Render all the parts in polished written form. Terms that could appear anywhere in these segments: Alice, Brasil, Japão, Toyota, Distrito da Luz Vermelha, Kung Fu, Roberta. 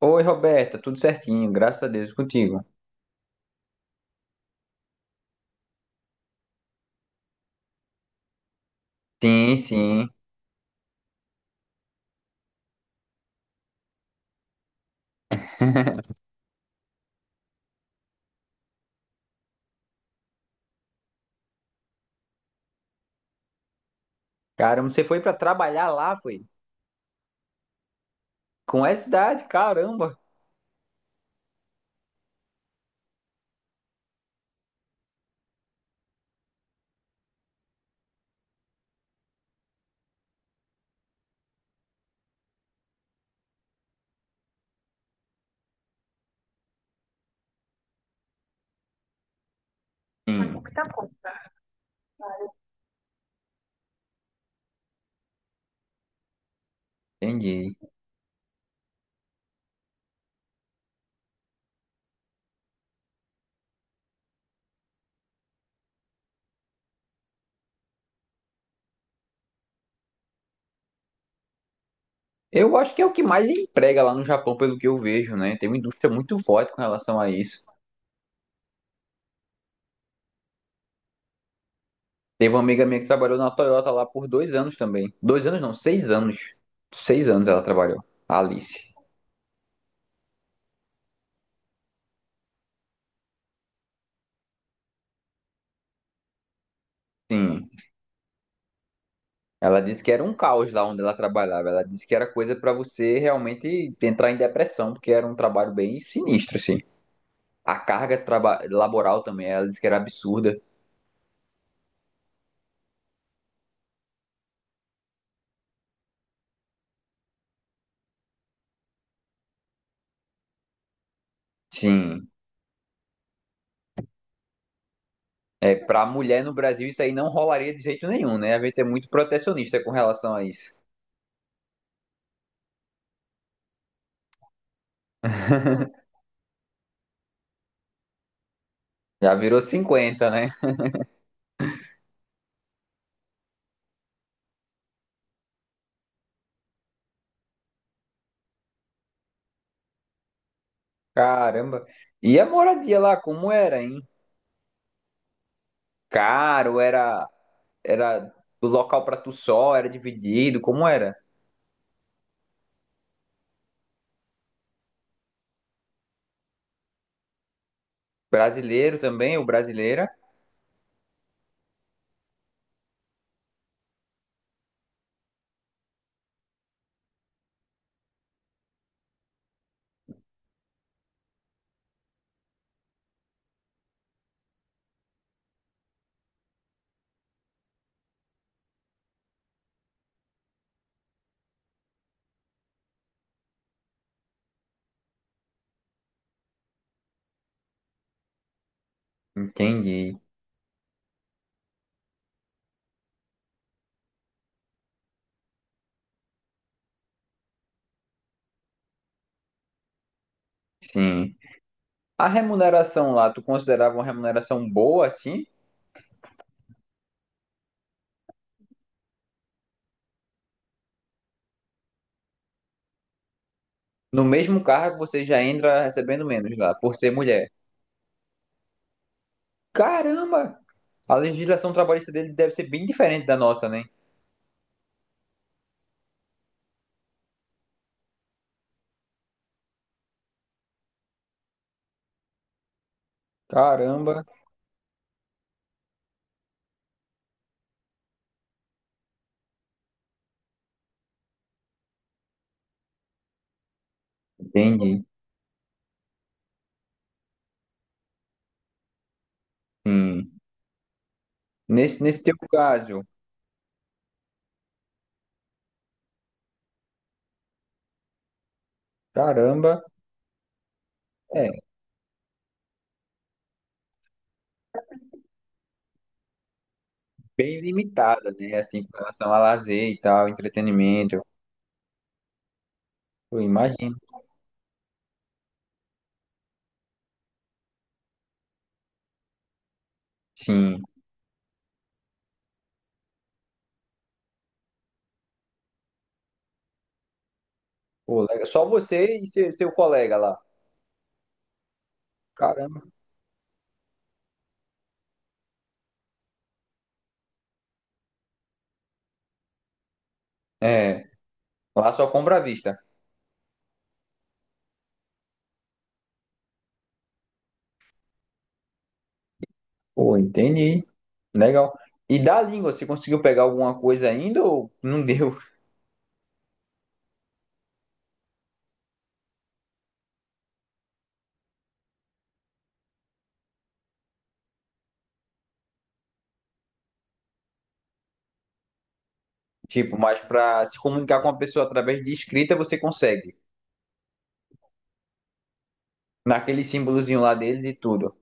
Oi, Roberta, tudo certinho, graças a Deus contigo. Sim, sim. Caramba, você foi pra trabalhar lá, foi? Com essa idade, caramba. Hum, Entendi. Eu acho que é o que mais emprega lá no Japão, pelo que eu vejo, né? Tem uma indústria muito forte com relação a isso. Teve uma amiga minha que trabalhou na Toyota lá por 2 anos também. 2 anos não, 6 anos. 6 anos ela trabalhou, a Alice. Sim. Ela disse que era um caos lá onde ela trabalhava. Ela disse que era coisa pra você realmente entrar em depressão, porque era um trabalho bem sinistro, assim. A carga laboral também, ela disse que era absurda. Sim. É, para mulher no Brasil, isso aí não rolaria de jeito nenhum, né? A gente é muito protecionista com relação a isso. Já virou 50, né? Caramba. E a moradia lá, como era, hein? Caro, era do local para tu só, era dividido, como era? Brasileiro também, ou brasileira? Entendi, sim. A remuneração lá, tu considerava uma remuneração boa, assim? No mesmo cargo, você já entra recebendo menos lá, por ser mulher. Caramba! A legislação trabalhista dele deve ser bem diferente da nossa, né? Caramba, entendi. Hum. Nesse teu caso, caramba, é bem limitada, né? Assim, com relação a lazer e tal, entretenimento. Eu imagino. Sim. Pô, legal. Só você e seu colega lá. Caramba. É, lá só compra à vista. Pô, entendi. Legal. E da língua, você conseguiu pegar alguma coisa ainda ou não deu? Tipo, mas para se comunicar com uma pessoa através de escrita, você consegue. Naquele símbolozinho lá deles e tudo.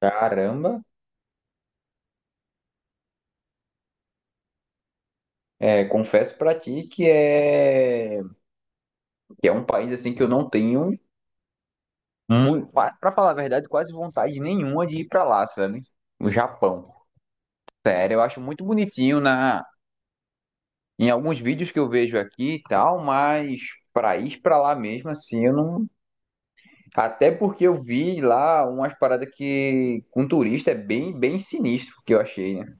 Caramba, é, confesso pra ti que é um país assim que eu não tenho muito, para falar a verdade, quase vontade nenhuma de ir pra lá, sabe? O Japão. Sério, eu acho muito bonitinho na em alguns vídeos que eu vejo aqui e tal, mas pra ir pra lá mesmo assim, eu não. Até porque eu vi lá umas paradas que com turista é bem, bem sinistro que eu achei, né?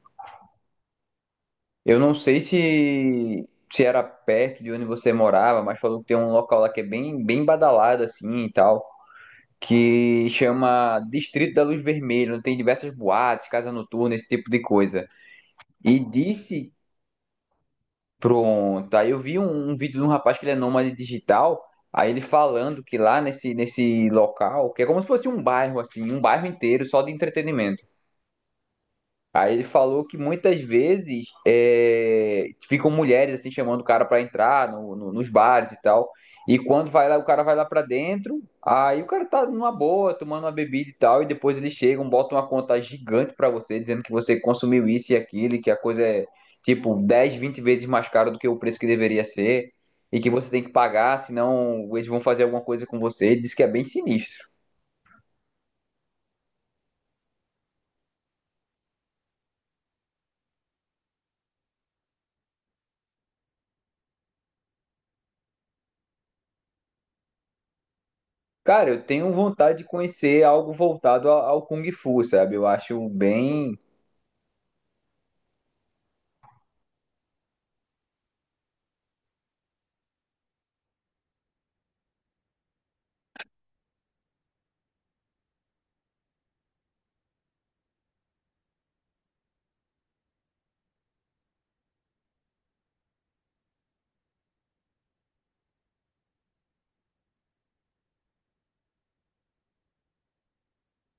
Eu não sei se era perto de onde você morava, mas falou que tem um local lá que é bem, bem badalado assim e tal, que chama Distrito da Luz Vermelha, onde tem diversas boates, casa noturna, esse tipo de coisa. E disse, pronto, aí eu vi um vídeo de um rapaz que ele é nômade digital, aí ele falando que lá nesse local, que é como se fosse um bairro assim, um bairro inteiro só de entretenimento. Aí ele falou que muitas vezes é, ficam mulheres assim chamando o cara pra entrar nos bares e tal. E quando vai lá, o cara vai lá pra dentro, aí o cara tá numa boa, tomando uma bebida e tal, e depois eles chegam, botam uma conta gigante pra você, dizendo que você consumiu isso e aquilo, e que a coisa é tipo 10, 20 vezes mais cara do que o preço que deveria ser, e que você tem que pagar, senão eles vão fazer alguma coisa com você. Ele disse que é bem sinistro. Cara, eu tenho vontade de conhecer algo voltado ao Kung Fu, sabe? Eu acho bem.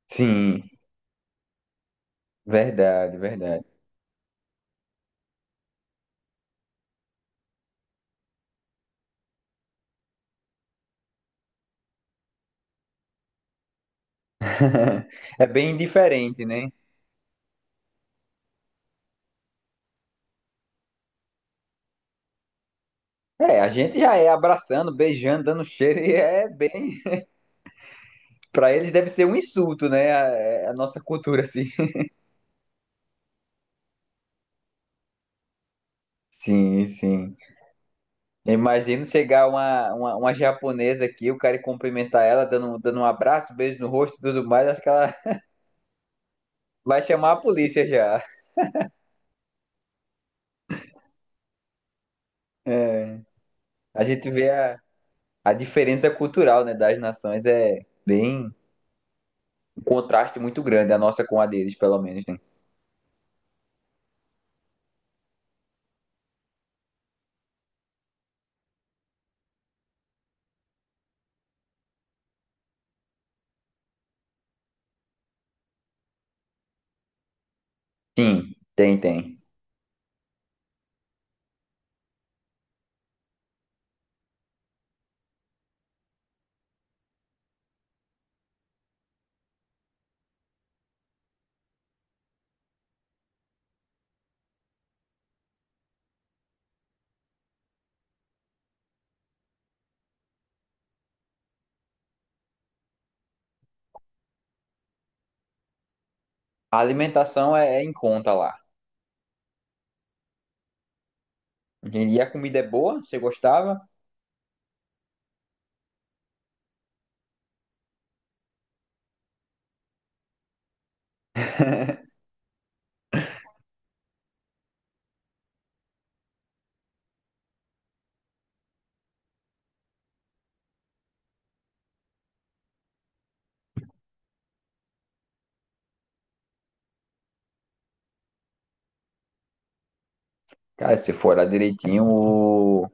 Sim, verdade, verdade. É bem diferente, né? É, a gente já é abraçando, beijando, dando cheiro, e é bem. Pra eles deve ser um insulto, né? A, é, a nossa cultura, assim. Sim, sim. Eu imagino chegar uma japonesa aqui, o cara ir cumprimentar ela, dando um abraço, beijo no rosto e tudo mais, acho que ela vai chamar a polícia já. É, a gente vê a diferença cultural, né, das nações é bem um contraste muito grande, a nossa com a deles, pelo menos, né? Sim, tem, tem. A alimentação é em conta lá. E a comida é boa, você gostava? Cara, se for lá direitinho, o,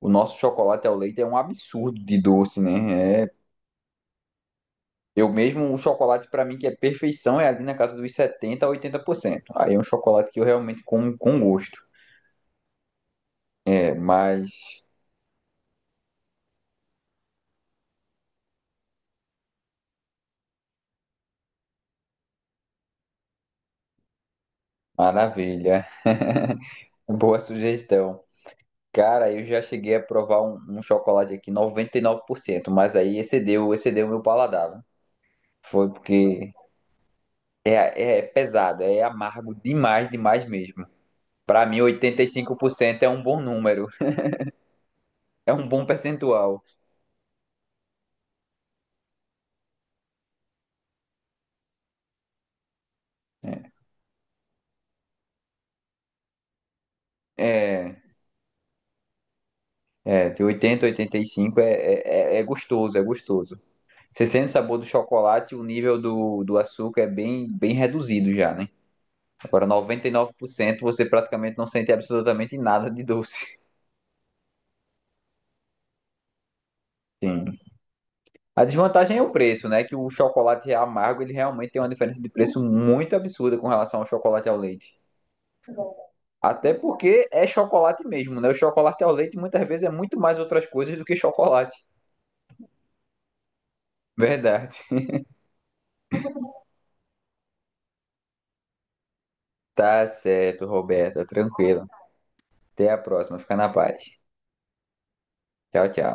o nosso chocolate ao leite é um absurdo de doce, né? É, eu mesmo, o chocolate pra mim que é perfeição é ali na casa dos 70 a 80%. Aí é um chocolate que eu realmente como com gosto. É, mas maravilha. Boa sugestão. Cara, eu já cheguei a provar um chocolate aqui 99%, mas aí excedeu, excedeu o meu paladar. Viu? Foi porque é pesado, é amargo demais, demais mesmo. Pra mim, 85% é um bom número, é um bom percentual. É, é, é, de 80 a 85 é gostoso, é gostoso. Você sente o sabor do chocolate, o nível do açúcar é bem, bem reduzido já, né? Agora, 99%, você praticamente não sente absolutamente nada de doce. Sim. A desvantagem é o preço, né? Que o chocolate amargo, ele realmente tem uma diferença de preço muito absurda com relação ao chocolate ao leite. Até porque é chocolate mesmo, né? O chocolate ao leite muitas vezes é muito mais outras coisas do que chocolate. Verdade. Tá certo, Roberta. Tranquilo. Até a próxima. Fica na paz. Tchau, tchau.